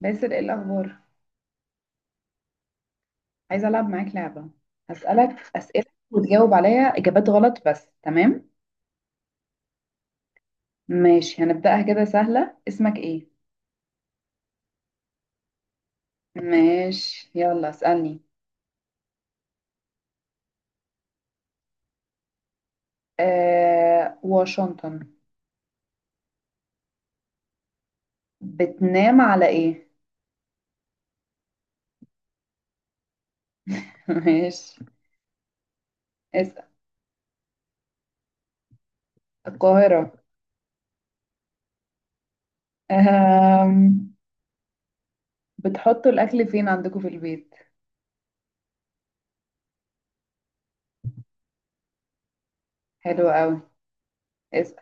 باسل، ايه الاخبار؟ عايزه العب معاك لعبه. هسالك اسئله وتجاوب عليا اجابات غلط بس، تمام؟ ماشي، هنبداها كده سهله. اسمك ايه؟ ماشي يلا اسالني. آه، واشنطن. بتنام على ايه؟ ماشي اسال. القاهره. آه. بتحطوا الاكل فين عندكم في البيت؟ حلو قوي. اسال.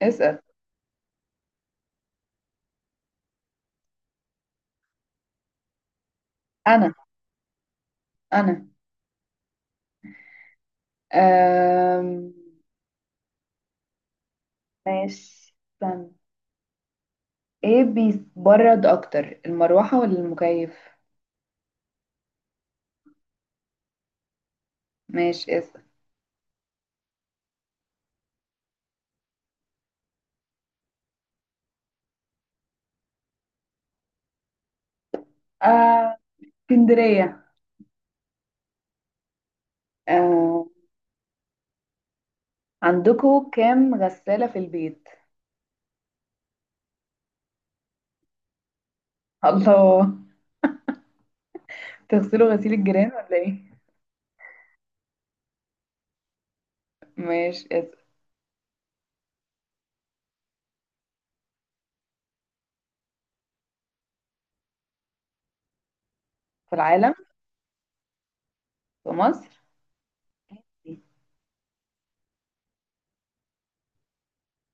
اسال. انا انا. آه ماشي. استنى. ايه بيبرد اكتر، المروحة ولا المكيف؟ ماشي اسأل. آه، اسكندرية. آه، عندكوا كام غسالة في البيت؟ الله. تغسلوا غسيل الجيران ولا ايه؟ ماشي اسأل. في العالم. في مصر.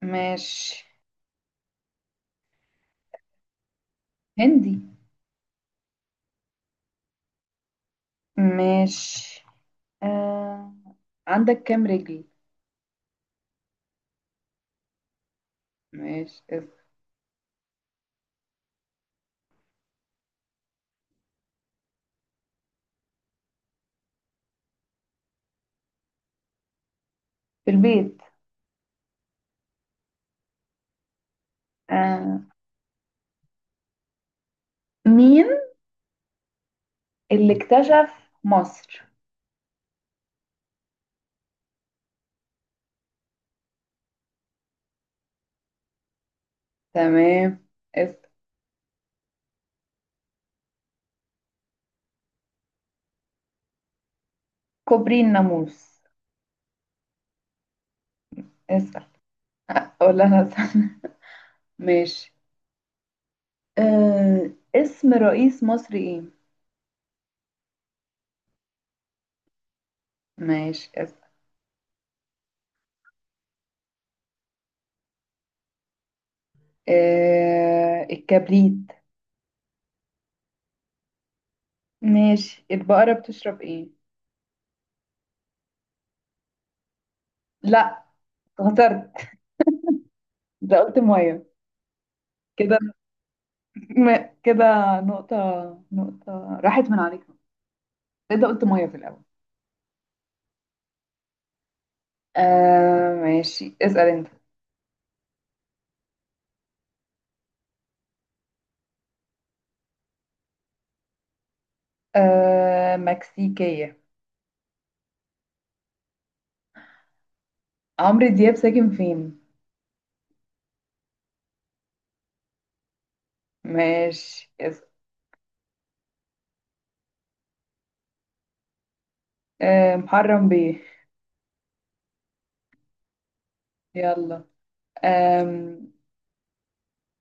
ماشي. هندي. ماشي. آه، عندك كام رجل؟ ماشي اسأل. في البيت. آه، مين اللي اكتشف مصر؟ تمام اسأل. كوبري الناموس. اسأل. ولا انا استنى؟ ماشي. آه، اسم رئيس مصر ايه؟ ماشي اسم. آه، الكبريت. ماشي. البقرة بتشرب ايه؟ لا، خسرت. ده قلت ميه. كده. كده. نقطة. نقطة راحت من عليك. ده قلت ميه في الأول. آه ماشي، اسأل انت. آه، مكسيكية. عمرو دياب ساكن فين؟ ماشي اسأل. آه، محرم بيه. يلا. آه،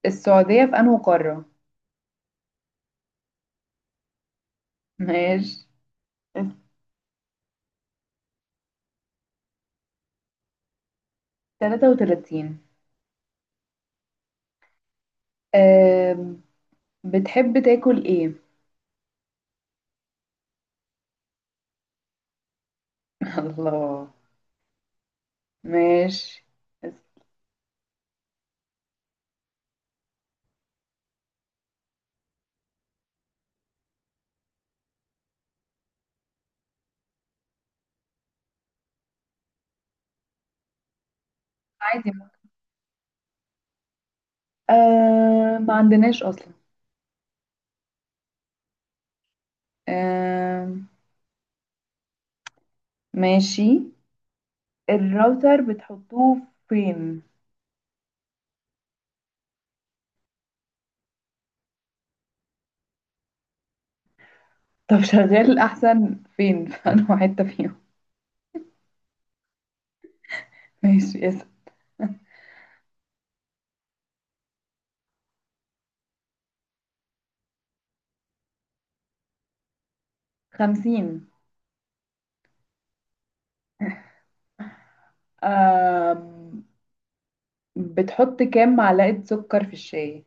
السعودية في أنهي قارة؟ ماشي. 33. أم... بتحب تاكل ايه؟ الله. ماشي. بس. عادي. ما عندناش أصلا. أم... ماشي. الراوتر بتحطوه فين؟ طب شغال أحسن فين؟ في أنهي حتة فيهم؟ ماشي اسأل. 50. أم... بتحط كام معلقة سكر في الشاي؟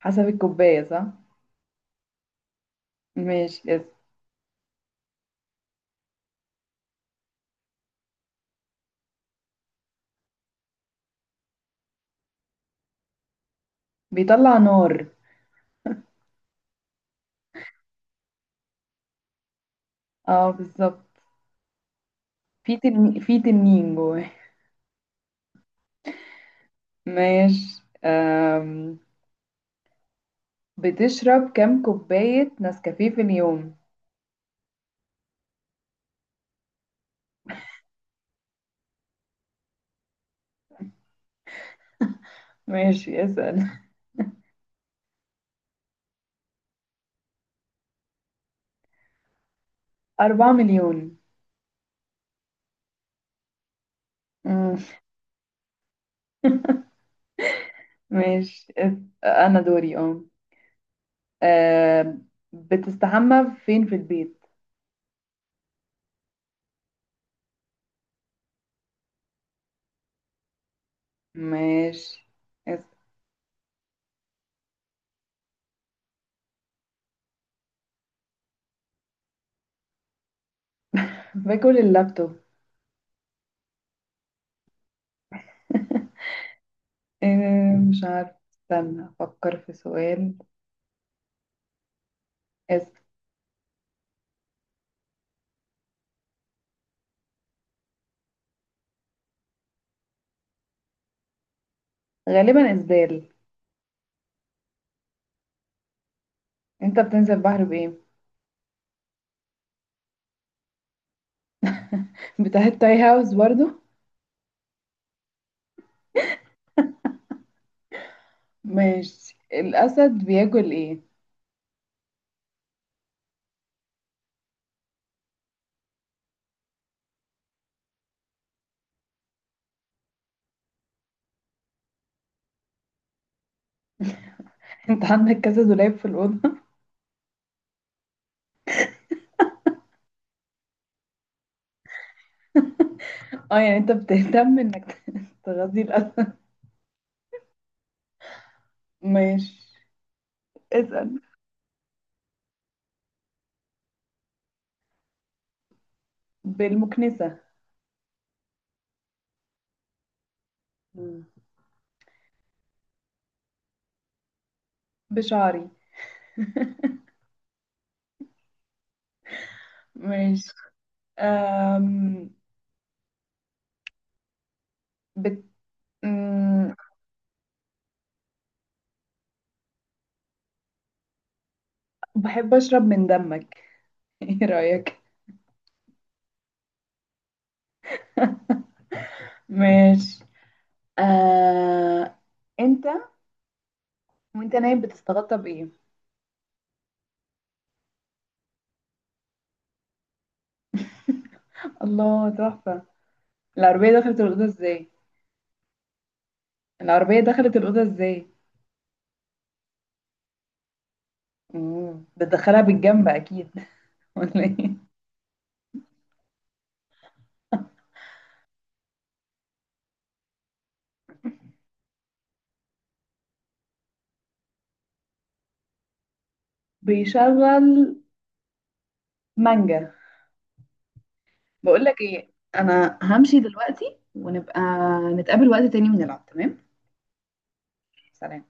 حسب الكوباية صح؟ ماشي. بيطلع نار. اه بالظبط. في تنين جواه. ماشي. بتشرب كام كوباية نسكافيه في اليوم؟ ماشي اسأل. أربعة مليون. مم. ماشي. أنا دوري. اه أم، بتستحمى فين في البيت؟ ماشي اسأل. باكل اللابتوب. مش عارف، استنى أفكر في سؤال. اسأل. غالبا إسدال. انت بتنزل بحر بإيه؟ بتاع التاي هاوس برضو. ماشي. الأسد بياكل إيه؟ أنت عندك كذا دولاب في الأوضة؟ أه يعني أنت بتهتم إنك تغذي الأسد. ماشي اسأل. بالمكنسة. مم. بشعري. ماشي. أم... بت... أم... بحب أشرب من دمك. إيه رأيك؟ ماشي. أه... أنت وأنت نايم بتستغطى بإيه؟ الله، تحفة. العربية دخلت الأوضة إزاي؟ العربية دخلت الأوضة إزاي؟ مم، بتدخلها بالجنب أكيد. ولا ايه؟ بيشغل مانجا. بقول لك ايه، انا همشي دلوقتي ونبقى نتقابل وقت تاني ونلعب، تمام؟ سلام.